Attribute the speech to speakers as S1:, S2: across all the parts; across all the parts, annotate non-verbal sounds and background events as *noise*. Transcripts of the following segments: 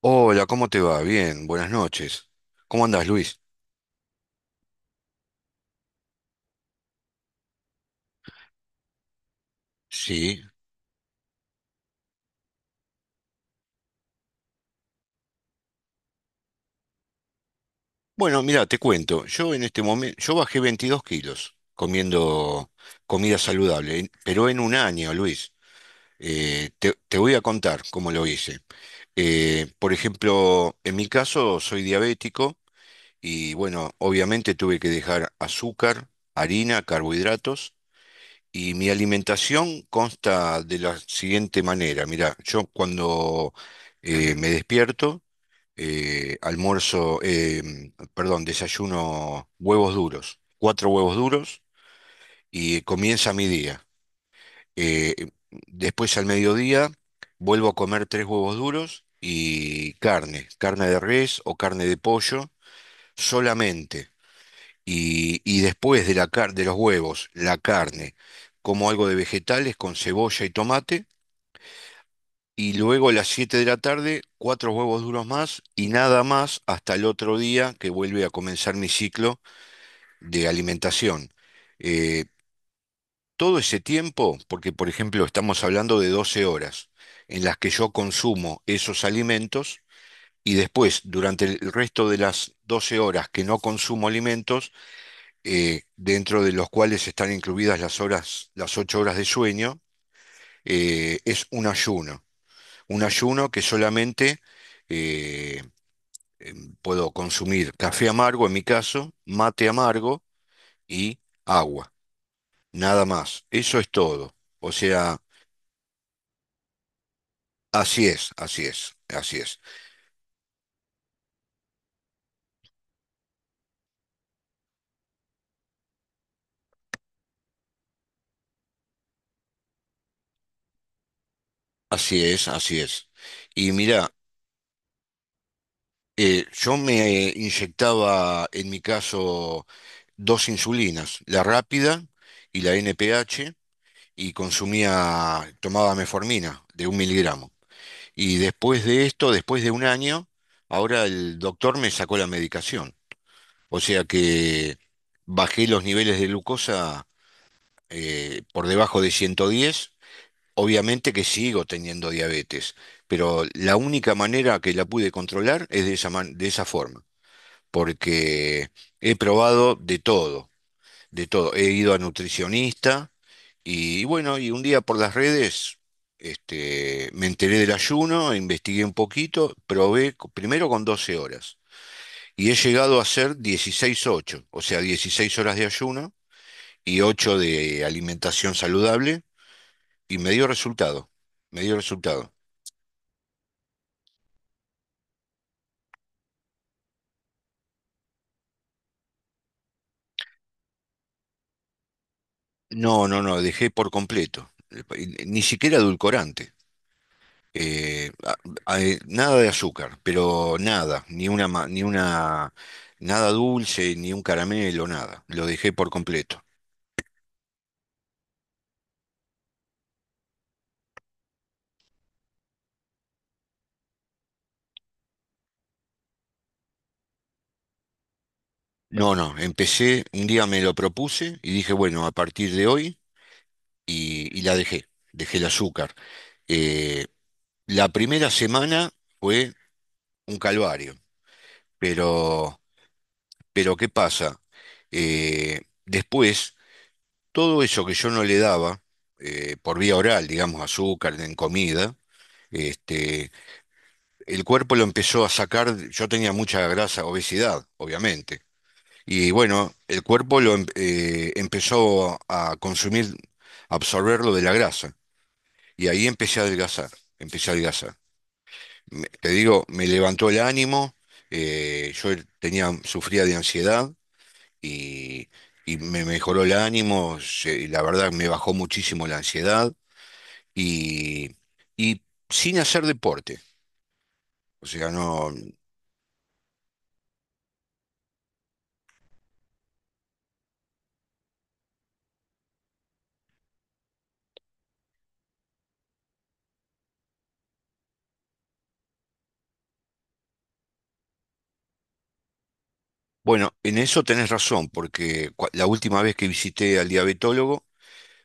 S1: Hola, ¿cómo te va? Bien, buenas noches. ¿Cómo andás, Luis? Sí. Bueno, mira, te cuento. Yo en este momento, yo bajé 22 kilos comiendo comida saludable, pero en un año, Luis. Te voy a contar cómo lo hice. Por ejemplo, en mi caso soy diabético y bueno, obviamente tuve que dejar azúcar, harina, carbohidratos. Y mi alimentación consta de la siguiente manera. Mira, yo cuando me despierto, almuerzo, perdón, desayuno huevos duros, cuatro huevos duros y comienza mi día. Eh, Después al mediodía vuelvo a comer tres huevos duros y carne, carne de res o carne de pollo solamente. Y después de la de los huevos, la carne, como algo de vegetales con cebolla y tomate. Y luego a las 7 de la tarde, cuatro huevos duros más y nada más hasta el otro día que vuelve a comenzar mi ciclo de alimentación. Eh, Todo ese tiempo, porque por ejemplo estamos hablando de 12 horas en las que yo consumo esos alimentos y después durante el resto de las 12 horas que no consumo alimentos, dentro de los cuales están incluidas las 8 horas de sueño, es un ayuno. Un ayuno que solamente eh, puedo consumir café amargo, en mi caso, mate amargo y agua. Nada más. Eso es todo. O sea, así es, así es, así es, así es, así es. Y mira, yo me inyectaba, en mi caso, dos insulinas, la rápida y la NPH y consumía, tomaba meformina de un miligramo. Y después de esto, después de un año, ahora el doctor me sacó la medicación. O sea que bajé los niveles de glucosa por debajo de 110. Obviamente que sigo teniendo diabetes, pero la única manera que la pude controlar es de esa, de esa forma, porque he probado de todo, de todo. He ido a nutricionista y, bueno, y un día por las redes este, me enteré del ayuno, investigué un poquito, probé primero con 12 horas y he llegado a hacer 16/8, o sea, 16 horas de ayuno y 8 de alimentación saludable y me dio resultado, me dio resultado. No, no, no, dejé por completo, ni siquiera edulcorante. eh, a- Nada de azúcar, pero nada, ni una, ni una, nada dulce, ni un caramelo, nada. Lo dejé por completo. No, no, empecé, un día me lo propuse y dije, bueno, a partir de hoy, y la dejé, dejé el azúcar. Eh, la primera semana fue un calvario, pero, pero ¿qué pasa? Después, todo eso que yo no le daba, por vía oral, digamos, azúcar en comida, este, el cuerpo lo empezó a sacar, yo tenía mucha grasa, obesidad, obviamente. Y bueno, el cuerpo lo empezó a consumir, a absorber lo de la grasa. Y ahí empecé a adelgazar, empecé a adelgazar. Te digo, me levantó el ánimo, yo tenía, sufría de ansiedad y, y me mejoró el ánimo, y la verdad me bajó muchísimo la ansiedad y, y sin hacer deporte. O sea, no. Bueno, en eso tenés razón, porque la última vez que visité al diabetólogo,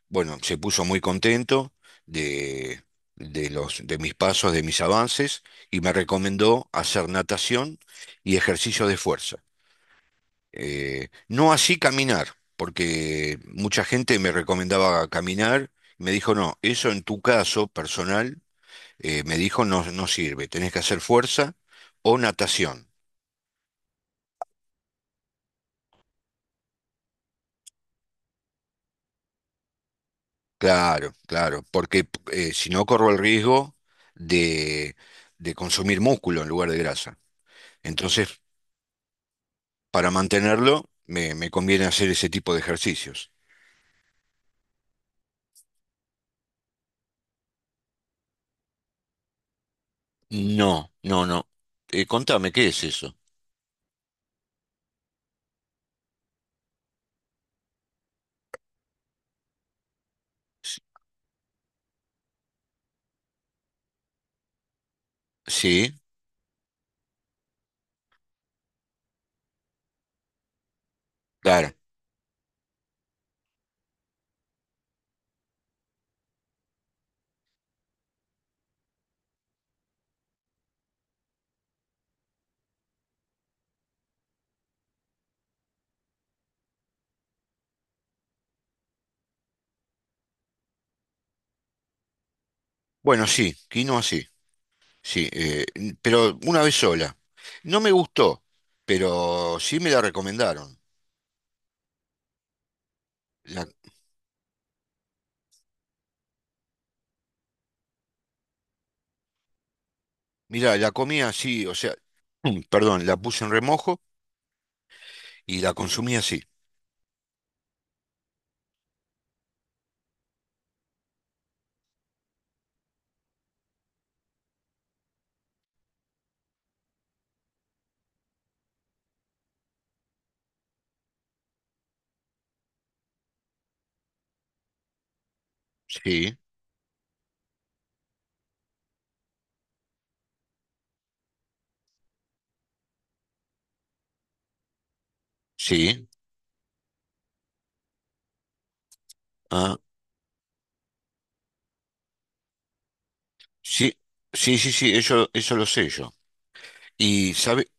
S1: bueno, se puso muy contento de, de los, de mis pasos, de mis avances, y me recomendó hacer natación y ejercicio de fuerza. No así caminar, porque mucha gente me recomendaba caminar, me dijo, no, eso en tu caso personal, me dijo, no, no sirve, tenés que hacer fuerza o natación. Claro, claro, porque si no corro el riesgo de, de consumir músculo en lugar de grasa. Entonces, para mantenerlo, me conviene hacer ese tipo de ejercicios. No, no, no. Contame, ¿qué es eso? Sí, claro. Bueno, sí, quinoa sí, sí, pero una vez sola. No me gustó, pero sí me la recomendaron. La, Mira, la comí así, o sea, *clears throat* perdón, la puse en remojo y la consumí así. Sí, sí. Ah, sí, sí, sí, sí, eso lo sé yo. Y sabe,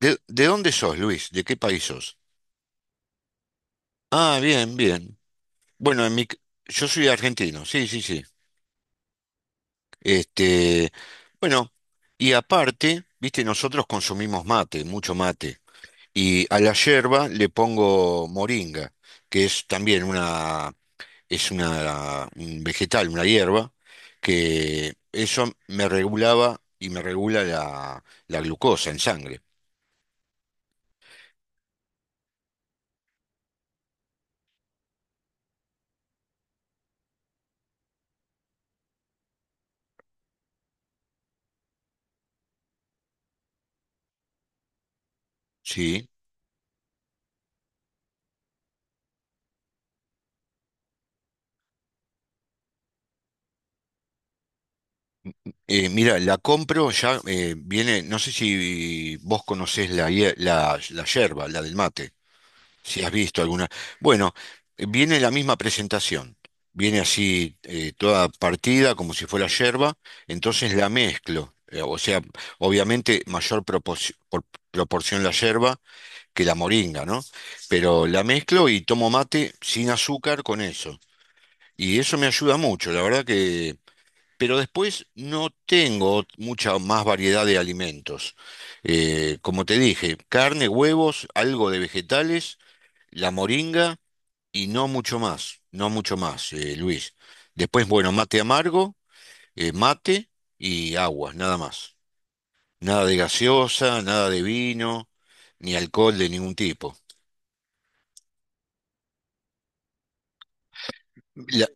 S1: ¿de dónde sos, Luis? ¿De qué país sos? Ah, bien, bien. Bueno, yo soy argentino, sí, sí, sí. Este, bueno, y aparte, viste, nosotros consumimos mate, mucho mate. Y a la yerba le pongo moringa, que es también una, es una, un vegetal, una hierba, que eso me regulaba y me regula la glucosa en sangre. Sí. Mira, la compro ya, viene, no sé si vos conocés la yerba, la del mate, si has visto alguna. Bueno, viene la misma presentación. Viene así toda partida como si fuera yerba, entonces la mezclo. O sea, obviamente mayor proporción la yerba que la moringa, ¿no? Pero la mezclo y tomo mate sin azúcar con eso. Y eso me ayuda mucho, la verdad que... pero después no tengo mucha más variedad de alimentos. Como te dije, carne, huevos, algo de vegetales, la moringa y no mucho más, no mucho más, Luis. Después, bueno, mate amargo, mate y agua, nada más. Nada de gaseosa, nada de vino, ni alcohol de ningún tipo. La-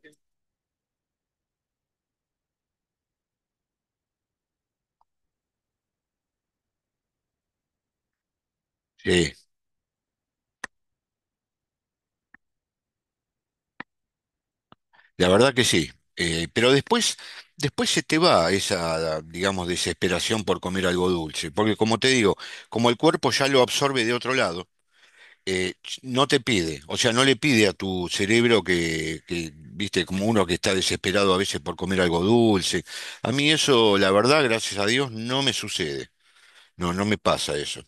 S1: sí. La verdad que sí. Pero después, después se te va esa, digamos, desesperación por comer algo dulce. Porque como te digo, como el cuerpo ya lo absorbe de otro lado, no te pide, o sea, no le pide a tu cerebro que, viste, como uno que está desesperado a veces por comer algo dulce. A mí eso, la verdad, gracias a Dios, no me sucede. No, no me pasa eso.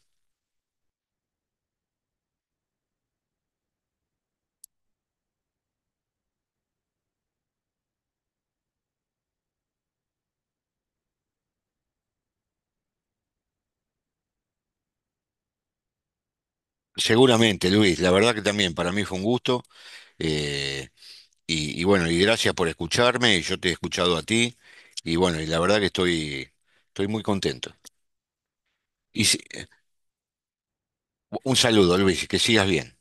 S1: Seguramente, Luis, la verdad que también para mí fue un gusto. Eh, y bueno, y gracias por escucharme, y yo te he escuchado a ti, y bueno, y la verdad que estoy, estoy muy contento. Y si- un saludo, Luis, que sigas bien.